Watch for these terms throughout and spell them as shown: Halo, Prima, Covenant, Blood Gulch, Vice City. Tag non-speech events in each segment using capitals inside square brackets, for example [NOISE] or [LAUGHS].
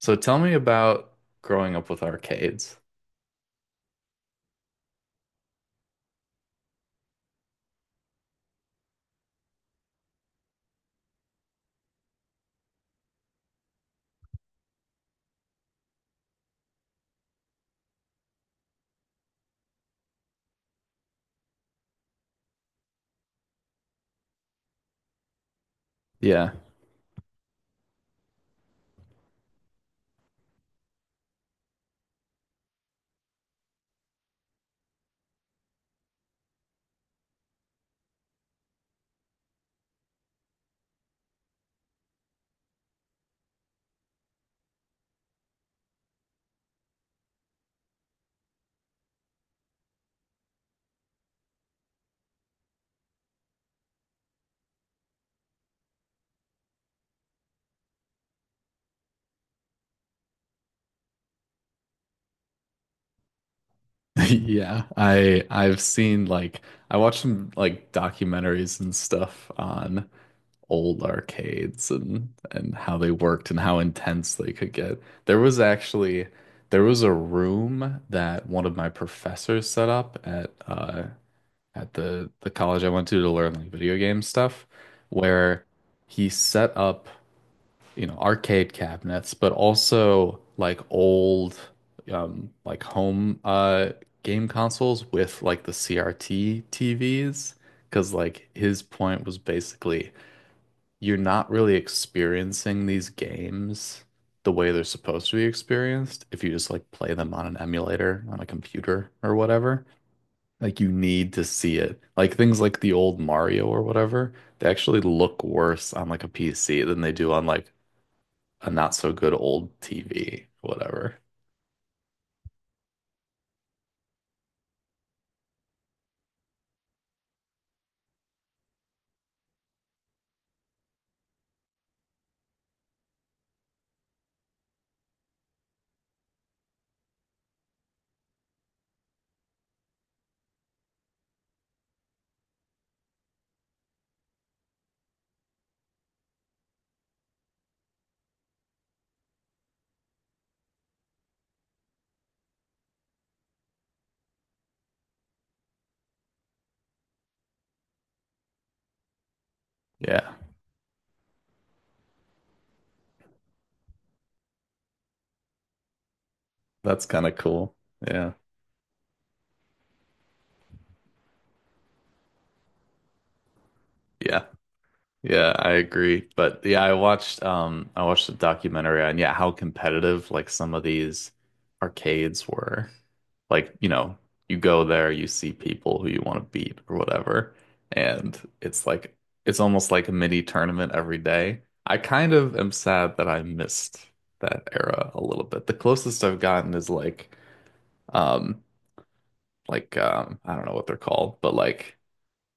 So tell me about growing up with arcades. Yeah. [LAUGHS] Yeah. I've seen like I watched some like documentaries and stuff on old arcades and how they worked and how intense they could get. There was actually there was a room that one of my professors set up at at the college I went to learn like video game stuff where he set up, you know, arcade cabinets, but also like old like home game consoles with like the CRT TVs. Because like his point was basically you're not really experiencing these games the way they're supposed to be experienced if you just like play them on an emulator on a computer or whatever. Like you need to see it. Like things like the old Mario or whatever, they actually look worse on like a PC than they do on like a not so good old TV, whatever. Yeah, that's kind of cool. Yeah. Yeah. Yeah, I agree. But yeah, I watched a documentary on, yeah, how competitive like some of these arcades were. Like, you know, you go there, you see people who you want to beat or whatever, and it's like it's almost like a mini tournament every day. I kind of am sad that I missed that era a little bit. The closest I've gotten is um like I don't know what they're called, but like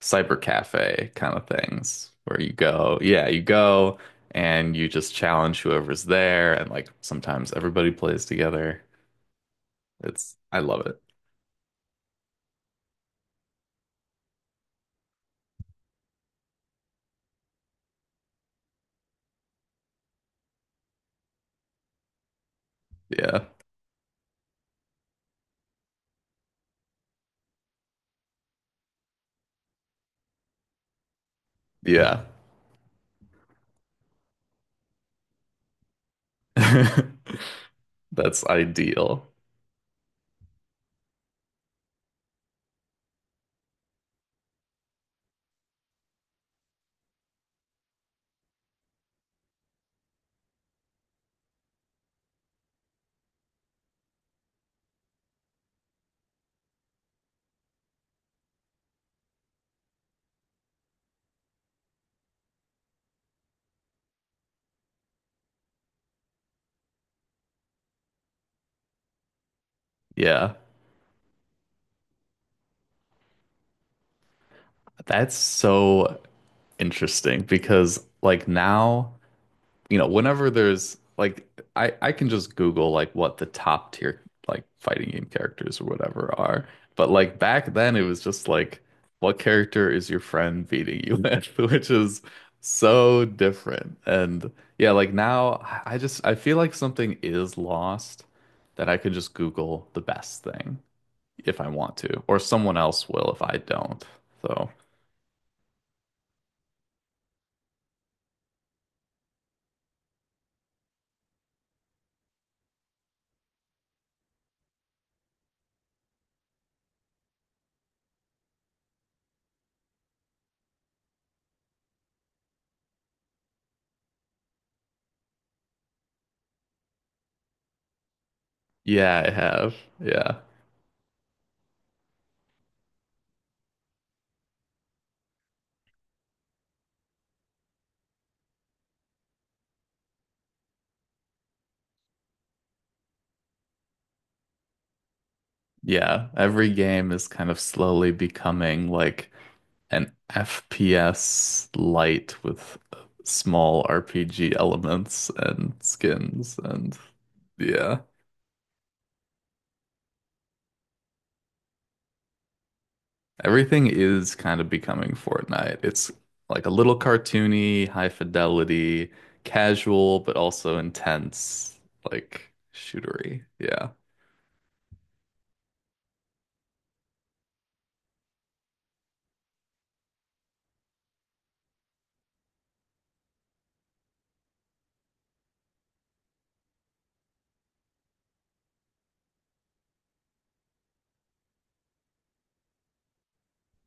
cyber cafe kind of things where you go, yeah, you go and you just challenge whoever's there and like sometimes everybody plays together. It's I love it. Yeah. Yeah. [LAUGHS] That's ideal. Yeah. That's so interesting because like now, you know, whenever there's like I can just Google like what the top tier like fighting game characters or whatever are. But like back then it was just like what character is your friend beating you [LAUGHS] with, which is so different. And yeah, like now I just I feel like something is lost that I can just Google the best thing if I want to, or someone else will if I don't. So yeah, I have. Yeah. Yeah, every game is kind of slowly becoming like an FPS light with small RPG elements and skins and yeah. Everything is kind of becoming Fortnite. It's like a little cartoony, high fidelity, casual, but also intense, like shootery. Yeah.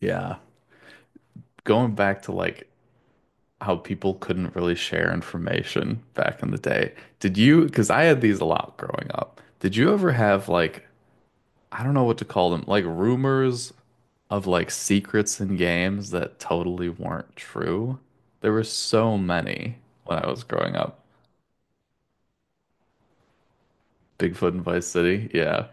Yeah. Going back to like how people couldn't really share information back in the day. Did you, because I had these a lot growing up, did you ever have like, I don't know what to call them, like rumors of like secrets in games that totally weren't true? There were so many when I was growing up. Bigfoot in Vice City. Yeah.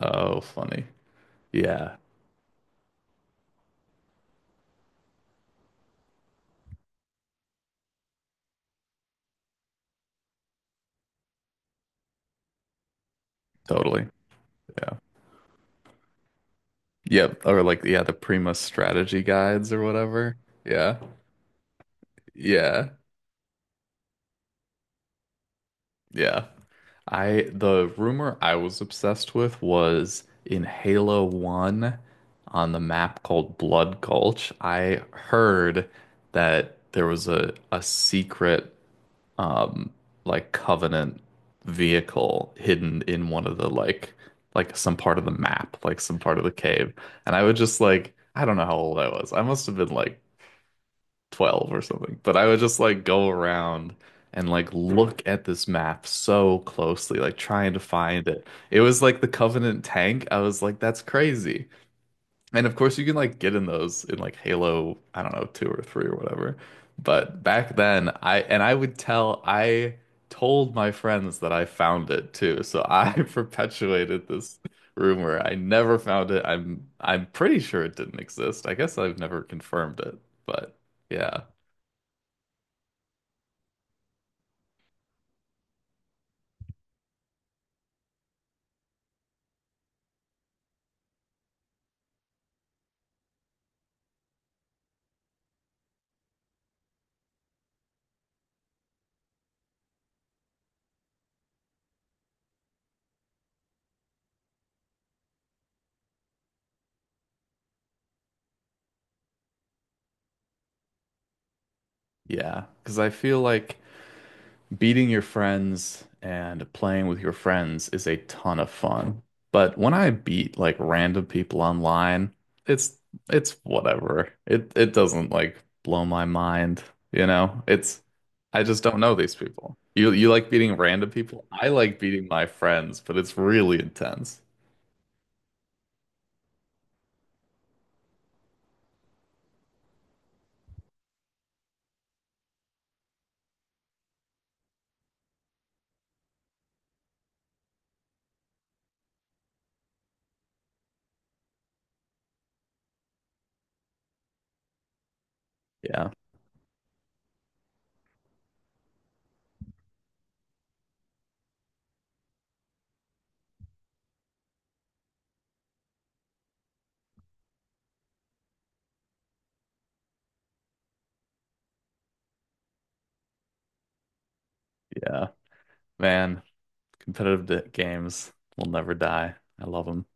Oh, funny. Yeah, totally. Yeah. Yep. Or like, yeah, the Prima strategy guides or whatever. Yeah. Yeah. Yeah. I The rumor I was obsessed with was in Halo 1 on the map called Blood Gulch. I heard that there was a secret um like Covenant vehicle hidden in one of the like some part of the map, like some part of the cave. And I would just like I don't know how old I was. I must have been like 12 or something. But I would just like go around and like look at this map so closely, like trying to find it. It was like the Covenant tank. I was like, that's crazy. And of course, you can like get in those in like Halo, I don't know, two or three or whatever. But back then, I would tell, I told my friends that I found it too. So I [LAUGHS] perpetuated this rumor. I never found it. I'm pretty sure it didn't exist. I guess I've never confirmed it, but yeah. Yeah, because I feel like beating your friends and playing with your friends is a ton of fun. But when I beat like random people online, it's it's whatever. It doesn't like blow my mind, you know? It's I just don't know these people. You like beating random people? I like beating my friends, but it's really intense. Yeah, yeah. Man, games will never die. I love them.